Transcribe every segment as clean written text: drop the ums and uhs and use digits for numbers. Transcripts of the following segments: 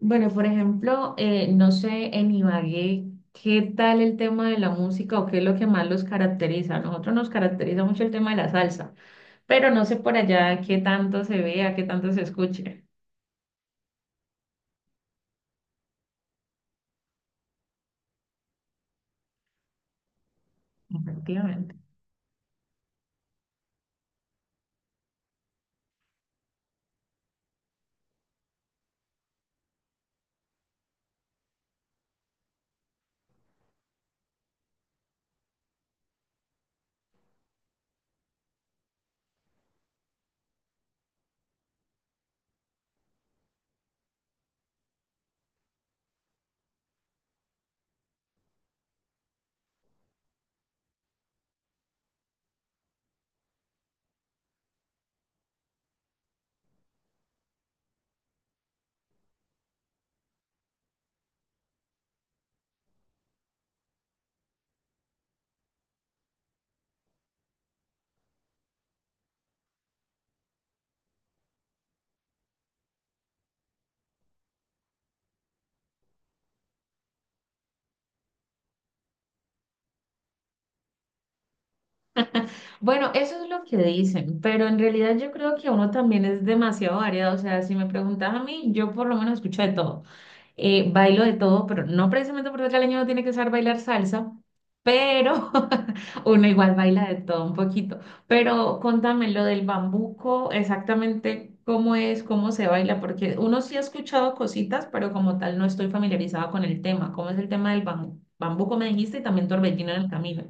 Bueno, por ejemplo, no sé en Ibagué qué tal el tema de la música o qué es lo que más los caracteriza. A nosotros nos caracteriza mucho el tema de la salsa, pero no sé por allá qué tanto se vea, qué tanto se escuche. Efectivamente. Bueno, eso es lo que dicen, pero en realidad yo creo que uno también es demasiado variado. O sea, si me preguntas a mí, yo por lo menos escucho de todo. Bailo de todo, pero no precisamente porque el caleño no tiene que saber bailar salsa, pero uno igual baila de todo un poquito. Pero contame lo del bambuco, exactamente cómo es, cómo se baila, porque uno sí ha escuchado cositas, pero como tal no estoy familiarizada con el tema. ¿Cómo es el tema del bambuco? Bambuco me dijiste y también torbellino en el camino.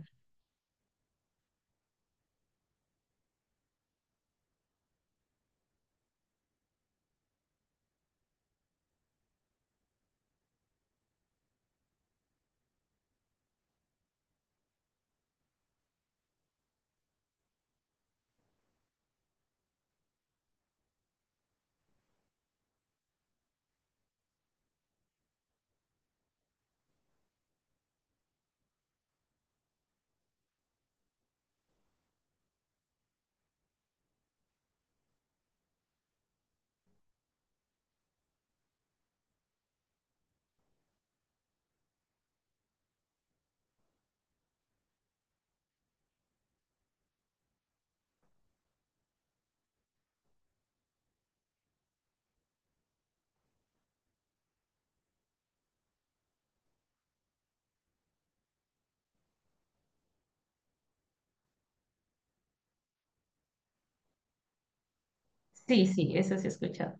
Sí, sí, eso sí he escuchado.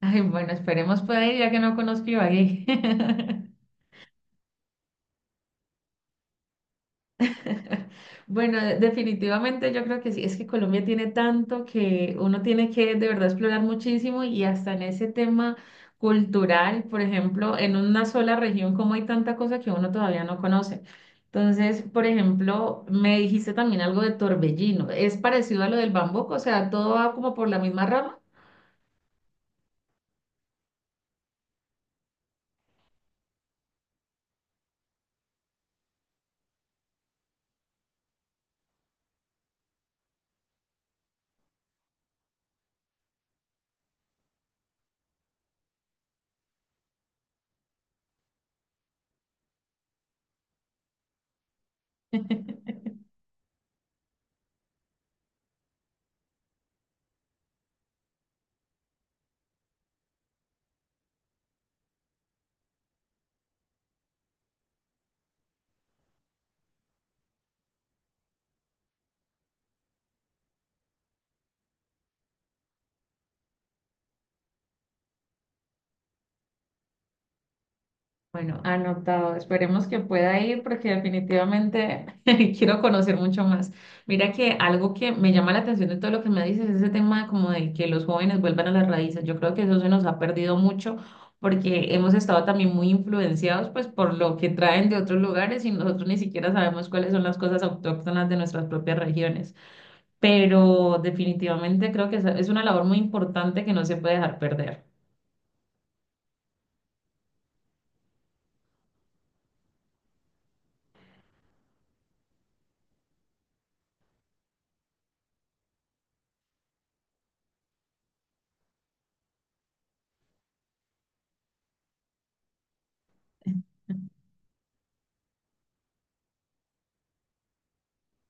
Ay, bueno, esperemos pueda ir ya que no conozco Ibagué. Bueno, definitivamente yo creo que sí, es que Colombia tiene tanto que uno tiene que de verdad explorar muchísimo y hasta en ese tema cultural, por ejemplo, en una sola región, como hay tanta cosa que uno todavía no conoce. Entonces, por ejemplo, me dijiste también algo de Torbellino, ¿es parecido a lo del Bambuco? O sea, todo va como por la misma rama. Bueno, anotado. Esperemos que pueda ir porque definitivamente quiero conocer mucho más. Mira que algo que me llama la atención de todo lo que me dices es ese tema como de que los jóvenes vuelvan a las raíces. Yo creo que eso se nos ha perdido mucho porque hemos estado también muy influenciados pues por lo que traen de otros lugares y nosotros ni siquiera sabemos cuáles son las cosas autóctonas de nuestras propias regiones. Pero definitivamente creo que es una labor muy importante que no se puede dejar perder.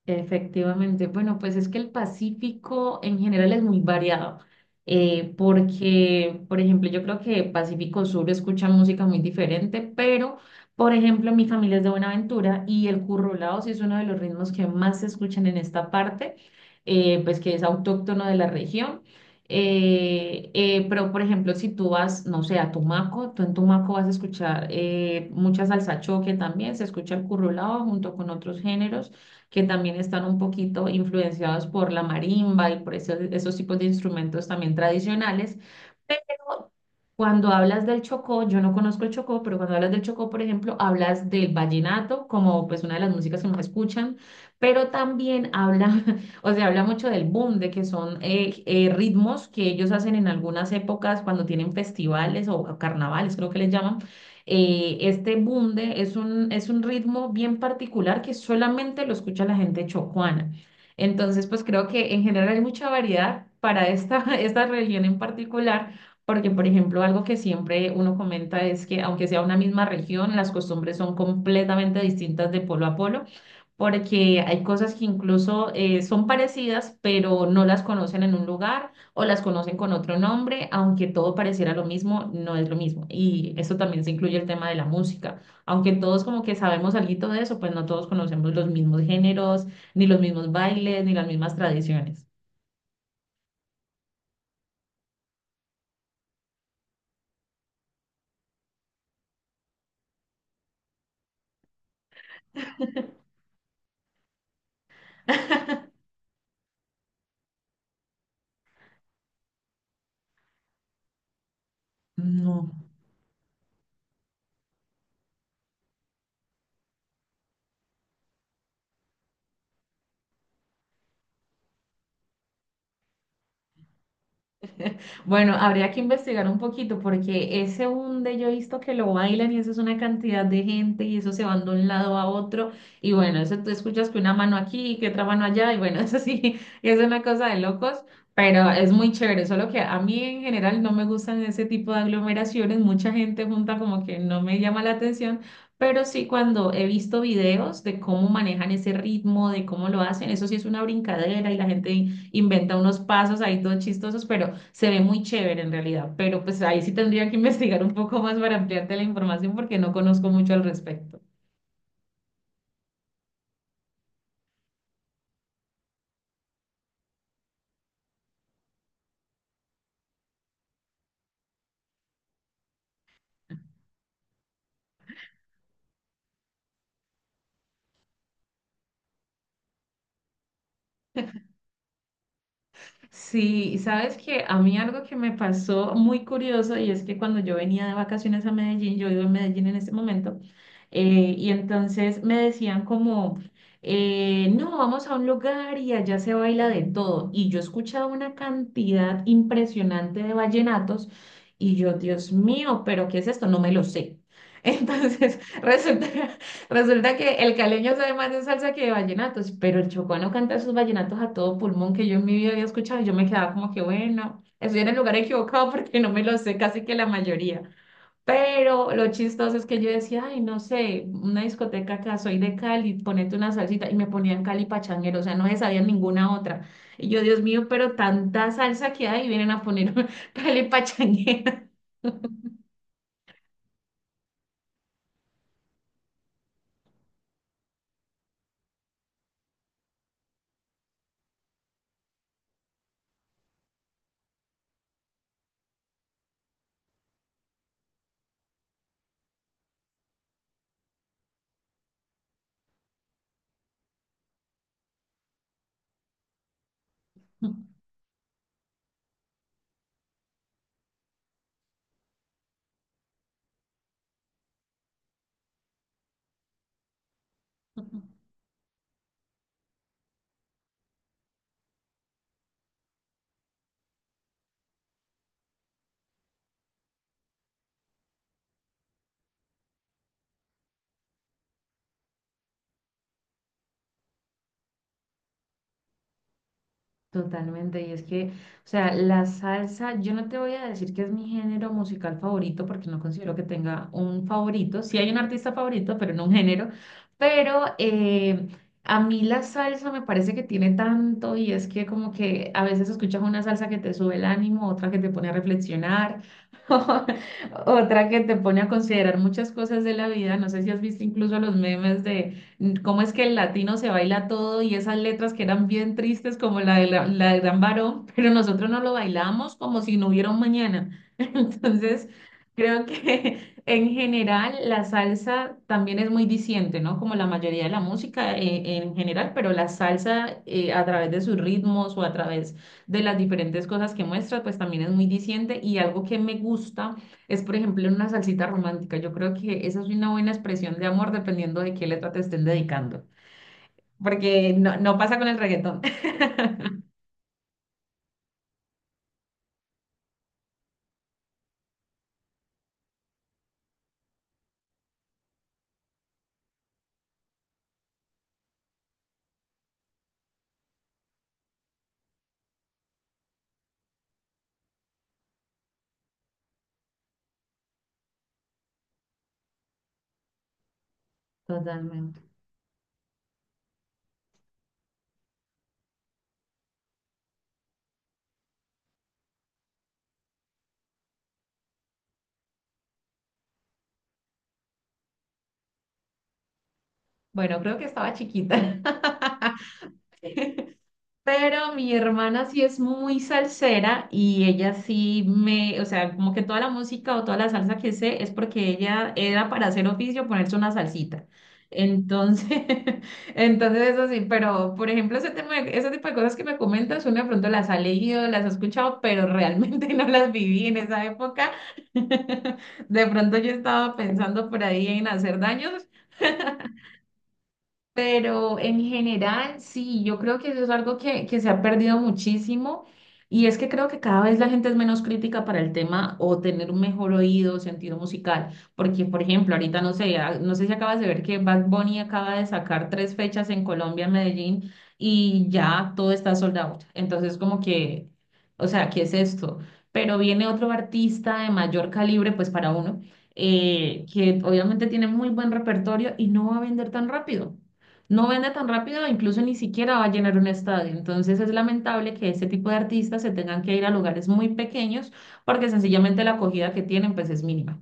Efectivamente, bueno, pues es que el Pacífico en general es muy variado, porque, por ejemplo, yo creo que Pacífico Sur escucha música muy diferente, pero, por ejemplo, mi familia es de Buenaventura y el currulao sí es uno de los ritmos que más se escuchan en esta parte, pues que es autóctono de la región. Pero, por ejemplo, si tú vas, no sé, a Tumaco, tú en Tumaco vas a escuchar mucha salsa choque también, se escucha el currulao junto con otros géneros que también están un poquito influenciados por la marimba y por esos tipos de instrumentos también tradicionales. Pero cuando hablas del Chocó, yo no conozco el Chocó, pero cuando hablas del Chocó, por ejemplo, hablas del vallenato como pues una de las músicas que más escuchan, pero también habla, o sea, habla mucho del boom, de que son ritmos que ellos hacen en algunas épocas cuando tienen festivales o carnavales, creo que les llaman este bunde es es un ritmo bien particular que solamente lo escucha la gente chocuana. Entonces, pues creo que en general hay mucha variedad para esta región en particular, porque, por ejemplo, algo que siempre uno comenta es que aunque sea una misma región, las costumbres son completamente distintas de polo a polo porque hay cosas que incluso son parecidas, pero no las conocen en un lugar o las conocen con otro nombre, aunque todo pareciera lo mismo, no es lo mismo. Y eso también se incluye el tema de la música. Aunque todos como que sabemos algo de eso, pues no todos conocemos los mismos géneros, ni los mismos bailes, ni las mismas tradiciones. No. Bueno, habría que investigar un poquito porque ese hunde yo he visto que lo bailan y eso es una cantidad de gente y eso se van de un lado a otro y bueno, eso tú escuchas que una mano aquí y que otra mano allá y bueno, eso sí, es una cosa de locos, pero es muy chévere, solo que a mí en general no me gustan ese tipo de aglomeraciones, mucha gente junta como que no me llama la atención. Pero sí, cuando he visto videos de cómo manejan ese ritmo, de cómo lo hacen, eso sí es una brincadera y la gente inventa unos pasos ahí todos chistosos, pero se ve muy chévere en realidad. Pero pues ahí sí tendría que investigar un poco más para ampliarte la información porque no conozco mucho al respecto. Sí, y sabes que a mí algo que me pasó muy curioso y es que cuando yo venía de vacaciones a Medellín, yo vivo en Medellín en este momento, y entonces me decían como, no, vamos a un lugar y allá se baila de todo. Y yo escuchaba una cantidad impresionante de vallenatos y yo, Dios mío, pero ¿qué es esto? No me lo sé. Entonces, resulta resulta que el caleño sabe más de salsa que de vallenatos, pero el chocoano canta sus vallenatos a todo pulmón que yo en mi vida había escuchado y yo me quedaba como que bueno, estoy en el lugar equivocado porque no me lo sé casi que la mayoría. Pero lo chistoso es que yo decía, ay, no sé, una discoteca acá, soy de Cali, ponete una salsita y me ponían Cali Pachanguero, o sea, no se sabía ninguna otra. Y yo, Dios mío, pero tanta salsa que hay, vienen a poner Cali Pachanguero. Totalmente, y es que, o sea, la salsa, yo no te voy a decir que es mi género musical favorito, porque no considero que tenga un favorito. Sí hay un artista favorito, pero no un género. Pero a mí la salsa me parece que tiene tanto, y es que como que a veces escuchas una salsa que te sube el ánimo, otra que te pone a reflexionar, otra que te pone a considerar muchas cosas de la vida. No sé si has visto incluso los memes de cómo es que el latino se baila todo y esas letras que eran bien tristes como la de Gran Varón, pero nosotros no lo bailamos como si no hubiera un mañana. Entonces, creo que en general la salsa también es muy diciente, ¿no? Como la mayoría de la música en general, pero la salsa a través de sus ritmos o a través de las diferentes cosas que muestra, pues también es muy diciente y algo que me gusta es, por ejemplo, una salsita romántica. Yo creo que esa es una buena expresión de amor dependiendo de qué letra te estén dedicando, porque no pasa con el reggaetón. Totalmente. Bueno, creo que estaba chiquita. Pero mi hermana sí es muy salsera y ella sí me, o sea, como que toda la música o toda la salsa que sé es porque ella era para hacer oficio ponerse una salsita. Entonces, entonces eso sí, pero por ejemplo, ese tema, ese tipo de cosas que me comentas, uno de pronto las ha leído, las ha escuchado, pero realmente no las viví en esa época. De pronto yo estaba pensando por ahí en hacer daños, pero en general, sí, yo creo que eso es algo que se ha perdido muchísimo y es que creo que cada vez la gente es menos crítica para el tema o tener un mejor oído, sentido musical, porque por ejemplo, ahorita no sé, no sé si acabas de ver que Bad Bunny acaba de sacar tres fechas en Colombia, en Medellín, y ya todo está sold out. Entonces, como que, o sea, ¿qué es esto? Pero viene otro artista de mayor calibre, pues para uno, que obviamente tiene muy buen repertorio y no va a vender tan rápido no vende tan rápido, incluso ni siquiera va a llenar un estadio. Entonces es lamentable que este tipo de artistas se tengan que ir a lugares muy pequeños porque sencillamente la acogida que tienen pues es mínima.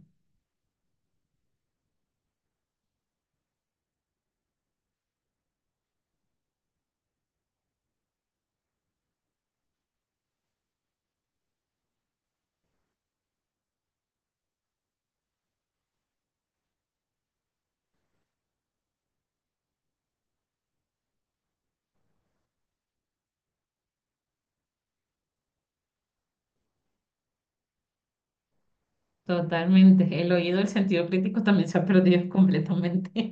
Totalmente. El oído, el sentido crítico también se ha perdido completamente.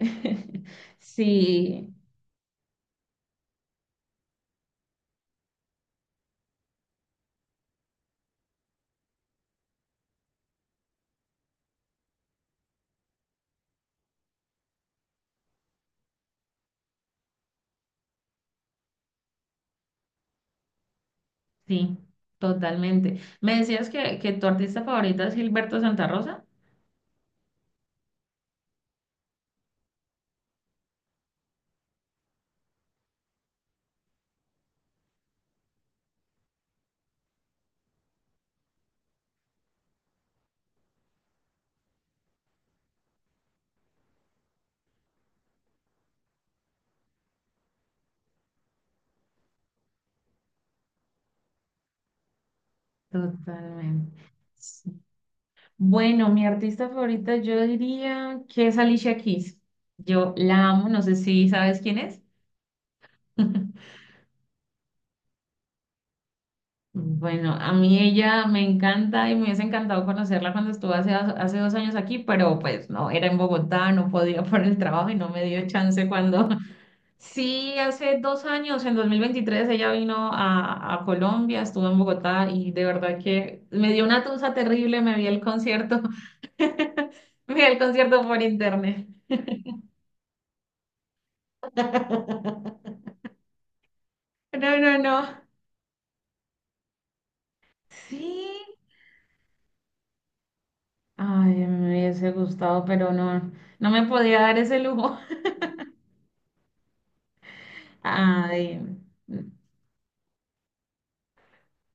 Sí, sí, totalmente. Me decías que tu artista favorita es Gilberto Santa Rosa. Totalmente. Bueno, mi artista favorita yo diría que es Alicia Keys. Yo la amo, no sé si sabes quién es. Bueno, a mí ella me encanta y me hubiese encantado conocerla cuando estuvo hace dos años aquí, pero pues no, era en Bogotá, no podía por el trabajo y no me dio chance cuando... Sí, hace 2 años, en 2023, ella vino a Colombia, estuvo en Bogotá y de verdad que me dio una tusa terrible, me vi el concierto, me vi el concierto por internet. No, no, no. Sí. Ay, me hubiese gustado, pero no, no me podía dar ese lujo. Ay.